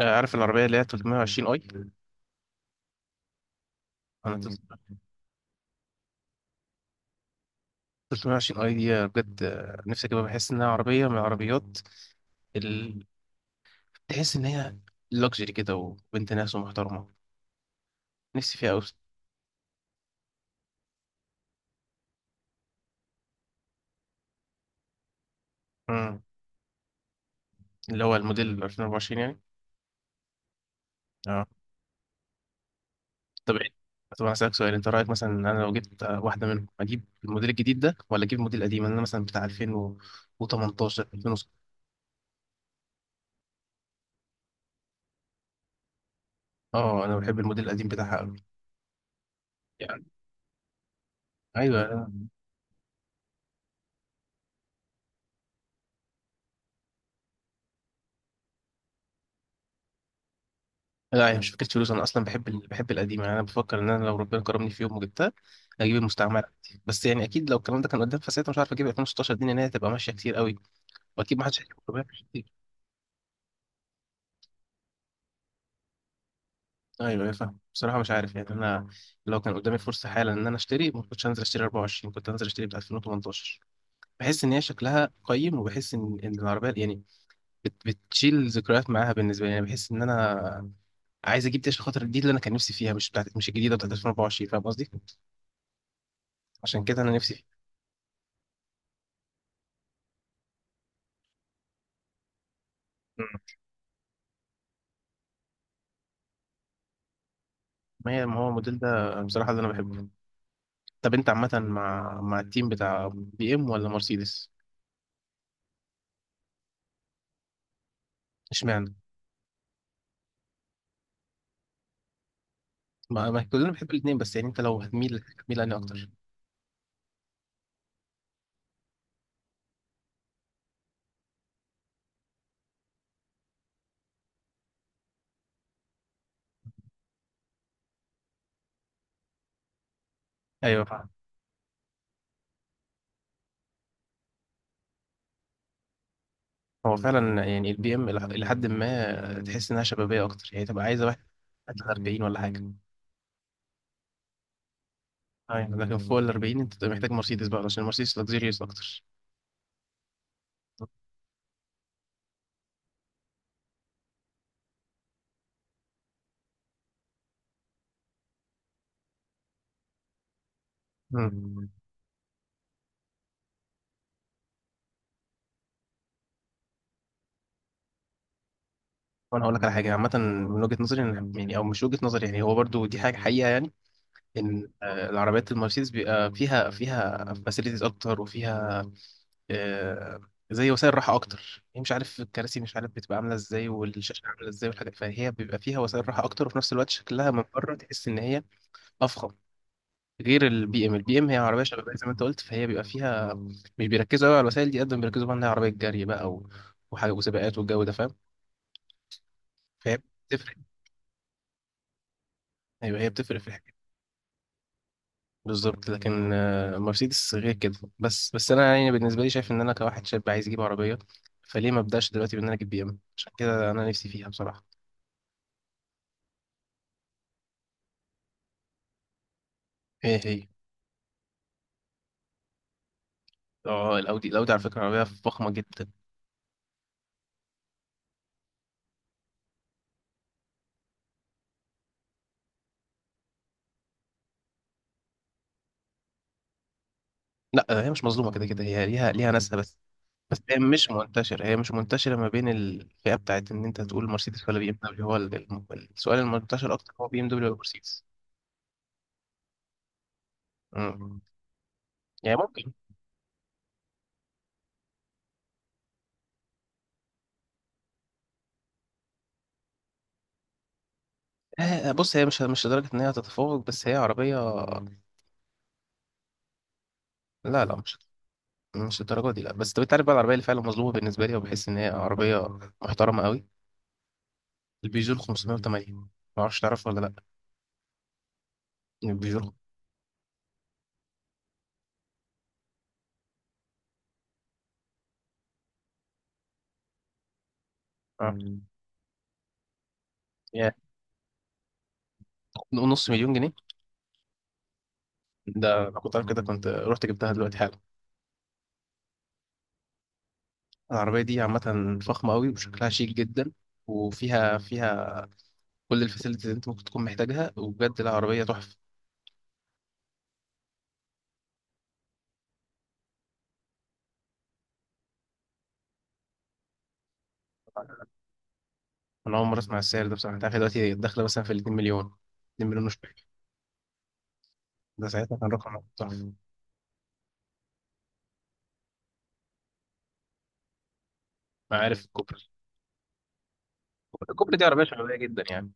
آه، عارف العربية اللي هي 320 اي. مم. 320 اي دي بجد، نفسي اجيبها. بحس انها عربية من العربيات، ال... تحس ان هي لوكسجري كده وبنت ناس ومحترمة. نفسي فيها قوي. مم. اللي هو الموديل 2024 يعني. اه، طب إيه؟ طب انا اسالك سؤال، انت رايك مثلا ان انا لو جبت واحدة منهم، اجيب الموديل الجديد ده ولا اجيب الموديل القديم؟ انا مثلا بتاع 2018 2000. اه، انا بحب الموديل القديم بتاعها قوي. يعني ايوه. لا، هي مش فكرة فلوس، أنا أصلا بحب بحب القديم. يعني أنا بفكر إن أنا لو ربنا كرمني في يوم وجبتها، أجيب المستعمرة عندي. بس يعني أكيد لو الكلام ده كان قدام فساعتها مش عارف، أجيب 2016 دي لأن هي هتبقى ماشية كتير قوي، وأكيد ما حدش هيجيب كوبايات كتير. أيوه أيوه فاهم. بصراحة مش عارف يعني. أنا لو كان قدامي فرصة حالا إن أنا أشتري، ما كنتش هنزل أشتري 24، كنت هنزل أشتري بتاع 2018. بحس إن هي شكلها قيم، وبحس إن إن العربية يعني بتشيل ذكريات معاها. بالنسبة لي يعني بحس إن أنا عايز أجيب دي عشان خاطر دي اللي أنا كان نفسي فيها، مش الجديدة بتاعت 2024. فاهم قصدي؟ عشان كده أنا نفسي فيها. ما هو الموديل ده بصراحة اللي أنا بحبه. طب أنت عامة مع التيم بتاع بي إم ولا مرسيدس؟ اشمعنى؟ ما كلنا بنحب الاتنين، بس يعني أنت لو هتميل هتميل أنهي أكتر؟ أيوه فعلا. هو فعلا يعني البي إم إلى حد ما تحس إنها شبابية أكتر، يعني تبقى عايزة واحد تحت ال 40 ولا حاجة. أيوه لكن فوق ال 40 أنت بتبقى محتاج مرسيدس بقى، عشان المرسيدس لكزيريوس أكتر. مم. وأنا هقول لك على حاجة عامة من وجهة نظري أنا- يعني أو مش وجهة نظري، يعني هو برضو دي حاجة حقيقة، يعني ان العربيات المرسيدس بيبقى فيها فاسيلتيز اكتر، وفيها آه، زي وسائل راحه اكتر، هي مش عارف الكراسي مش عارف بتبقى عامله ازاي والشاشه عامله ازاي والحاجات. فهي بيبقى فيها وسائل راحه اكتر، وفي نفس الوقت شكلها من بره تحس ان هي افخم. غير البي ام، البي ام هي عربيه شبابيه زي ما انت قلت، فهي بيبقى فيها، مش بيركزوا قوي على الوسائل دي قد ما بيركزوا بقى انها عربيه جري بقى وحاجه وسباقات والجو ده فاهم. فهي بتفرق. ايوه هي بتفرق في الحاجات. بالظبط لكن مرسيدس غير كده. بس انا يعني بالنسبه لي شايف ان انا كواحد شاب عايز اجيب عربيه، فليه ما ابداش دلوقتي بان انا اجيب بي ام؟ عشان كده انا نفسي فيها بصراحه. ايه هي؟ اه، الاودي على فكره عربيه فخمه جدا. لا، هي مش مظلومه، كده كده هي ليها ناسها. بس هي مش منتشره، هي مش منتشره ما بين الفئه بتاعت ان انت تقول مرسيدس ولا بي ام دبليو. هو السؤال المنتشر اكتر هو بي ام دبليو ولا مرسيدس. مم. يعني ممكن بص هي مش لدرجه ان هي هتتفوق، بس هي عربيه. لا لا، مش الدرجه دي. لا بس طب انت عارف بقى العربيه اللي فعلا مظلومه بالنسبه لي، وبحس ان هي عربيه محترمه قوي؟ البيجو ال 508 ما اعرفش، تعرف ولا لا؟ البيجو. اه، يا، نقول نص مليون جنيه. ده لو كنت عارف كده كنت رحت جبتها دلوقتي حالا. العربيه دي عامه فخمه قوي وشكلها شيك جدا، وفيها كل الفاسيلتيز اللي انت ممكن تكون محتاجها، وبجد العربيه تحفه. انا اول مره اسمع السعر ده بصراحه. انت عارف دلوقتي هي داخله مثلا في ال 2 مليون، 2 مليون وشويه؟ ده ساعتها كان رقم تحفه. ما عارف الكوبري. الكوبري دي عربيه شبابيه جدا يعني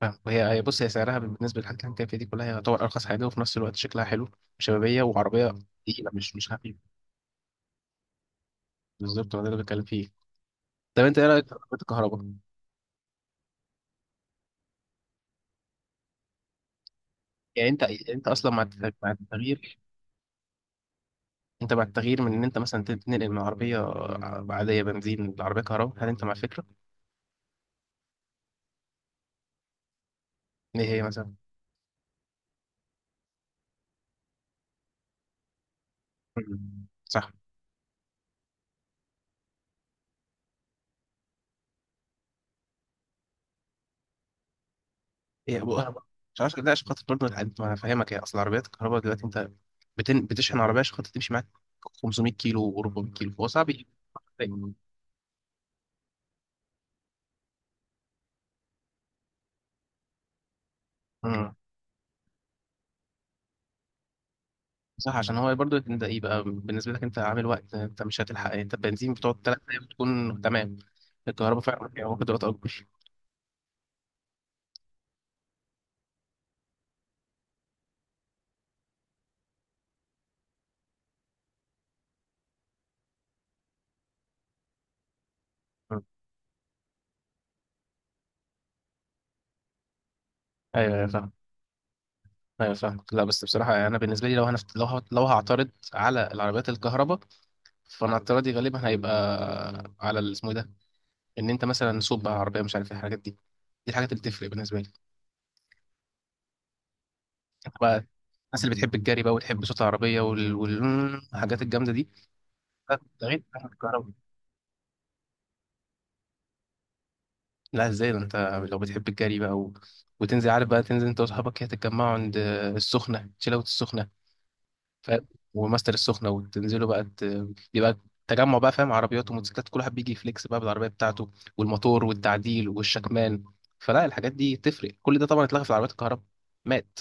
فاهم. وهي بص هي سعرها بالنسبه للحاجات اللي انت فيها دي كلها، هي يعتبر ارخص حاجه، وفي نفس الوقت شكلها حلو وشبابيه وعربيه تقيله، مش خفيفه. بالظبط، هو ده اللي بتكلم فيه. طب انت ايه رايك في عربيات الكهرباء؟ يعني انت اصلا مع مع التغيير. انت مع التغيير من ان انت مثلا تنقل من عربيه عاديه بنزين لعربيه كهرباء؟ هل انت مع الفكره؟ ايه هي مثلا؟ مم. صح. هي ابو كهرباء مش عارف. لا عشان خاطر برضه ما انا فاهمك، هي اصل عربيات الكهرباء دلوقتي انت بتشحن عربيه عشان خاطر تمشي معاك 500 كيلو و400 كيلو. هو صعب يجيب. مم. صح، عشان هو برضه انت يبقى بالنسبه لك انت عامل وقت، انت مش هتلحق. انت البنزين بتقعد 3 ايام بتكون تمام. الكهرباء فعلا فيها قدرات اكبر. مم. ايوه ايوه فاهم. ايوه فاهم. لا بس بصراحه انا بالنسبه لي، لو انا لو هعترض على العربيات الكهرباء، فانا اعتراضي غالبا هيبقى على اسمه إيه ده؟ ان انت مثلا سوق بقى عربيه، مش عارف إيه، الحاجات دي الحاجات اللي بتفرق بالنسبه لي انت بقى. الناس اللي بتحب الجري بقى وتحب صوت العربيه والحاجات الجامده دي، لا، ده غير الكهرباء. لا، ازاي ده؟ انت لو بتحب الجري بقى وتنزل عارف بقى، تنزل انت واصحابك كده تتجمعوا عند السخنة، شلة السخنة، ف... وماستر السخنة، وتنزلوا بقى بيبقى تجمع بقى فاهم. عربيات وموتوسيكلات، كل واحد بيجي يفليكس بقى بالعربية بتاعته، والموتور والتعديل والشكمان، فلا الحاجات دي تفرق. كل ده طبعا اتلغى في العربيات الكهرباء. مات.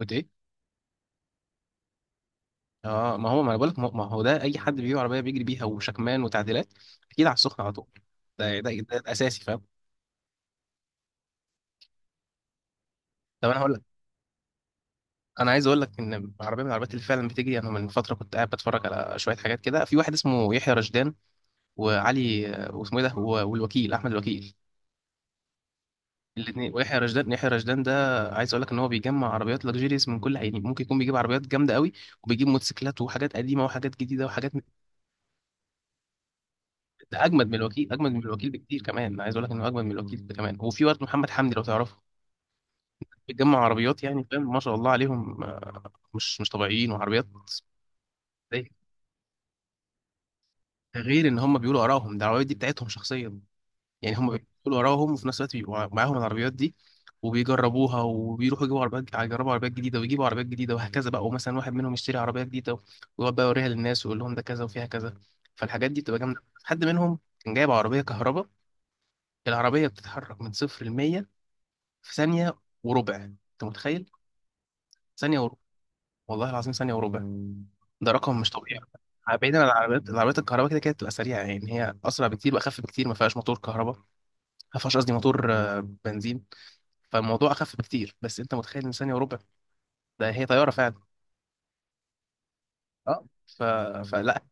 قلت ايه؟ اه، ما هو ما انا بقول لك، ما هو ده اي حد بيجيب عربية بيجري بيها، وشكمان وتعديلات اكيد على السخنة على طول. ده الاساسي فاهم. طب انا عايز اقول لك ان عربيه من العربيات اللي فعلا بتجري. انا من فتره كنت قاعد بتفرج على شويه حاجات كده في واحد اسمه يحيى رشدان، وعلي، واسمه ايه ده والوكيل، احمد الوكيل. الاثنين، ويحيى رشدان. يحيى رشدان ده عايز اقول لك ان هو بيجمع عربيات لكجيريس. من كل يعني ممكن يكون بيجيب عربيات جامده قوي، وبيجيب موتوسيكلات، وحاجات قديمه وحاجات جديده وحاجات ده اجمد من الوكيل بكتير كمان. انا عايز اقول لك انه اجمد من الوكيل ده كمان. وفي برضه محمد حمدي لو تعرفه، بيجمع عربيات يعني فاهم، ما شاء الله عليهم، مش طبيعيين. وعربيات زي، غير ان هم بيقولوا ارائهم، ده العربيات دي بتاعتهم شخصيا، يعني هم بيدخلوا وراهم، وفي نفس الوقت بيبقوا معاهم العربيات دي، وبيجربوها، وبيروحوا يجيبوا عربيات، يجربوا عربيات جديدة، ويجيبوا عربيات جديدة، وهكذا بقى. ومثلا واحد منهم يشتري عربية جديدة، ويقعد بقى يوريها للناس ويقول لهم ده كذا وفيها كذا، فالحاجات دي بتبقى جامدة. حد منهم كان جايب عربية كهرباء، العربية بتتحرك من صفر لمية في ثانية وربع. أنت متخيل؟ ثانية وربع. والله العظيم ثانية وربع. ده رقم مش طبيعي. بعيدا عن العربيات الكهرباء كده كده بتبقى سريعه يعني، هي اسرع بكتير واخف بكتير، ما فيهاش موتور كهرباء، ما فيهاش قصدي موتور بنزين. فالموضوع اخف بكتير، بس انت متخيل ان ثانيه وربع؟ ده هي طياره فعلا. اه، فلا.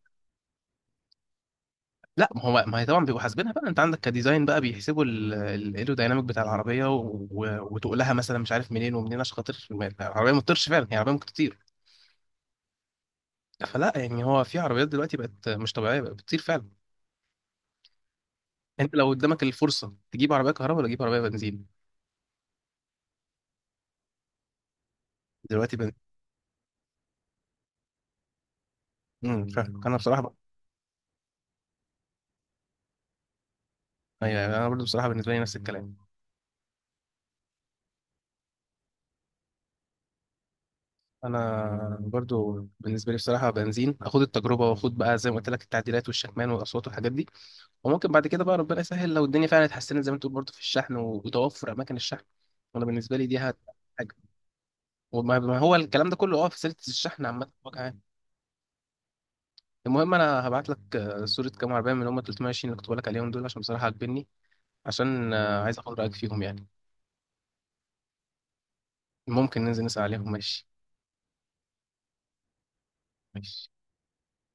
لا ما هي طبعا بيبقوا حاسبينها بقى، انت عندك كديزاين بقى بيحسبوا الايرودايناميك بتاع العربيه وتقلها مثلا مش عارف منين ومنين عشان خاطر العربيه ما تطيرش، فعلا هي عربيه ممكن تطير. فلا يعني هو في عربيات دلوقتي بقت مش طبيعيه، بقت بتطير فعلا. انت لو قدامك الفرصه تجيب عربيه كهرباء ولا تجيب عربيه بنزين؟ دلوقتي فعلا، انا بصراحه بقى. أيوة، انا برضه بصراحه بالنسبه لي نفس الكلام. انا برضو بالنسبه لي بصراحه بنزين، اخد التجربه واخد بقى زي ما قلت لك التعديلات والشكمان والاصوات والحاجات دي، وممكن بعد كده بقى ربنا يسهل لو الدنيا فعلا اتحسنت زي ما تقول برضو في الشحن وتوفر اماكن الشحن. انا بالنسبه لي دي حاجه. وما ما هو الكلام ده كله اه في سلسله الشحن عامه بوجه عام. المهم انا هبعت لك صوره كام عربيه من اللي هم 320 اللي كنت بقول لك عليهم دول، عشان بصراحه عاجبني. عشان عايز اخد رايك فيهم يعني. ممكن ننزل نسال عليهم ماشي. ماشي.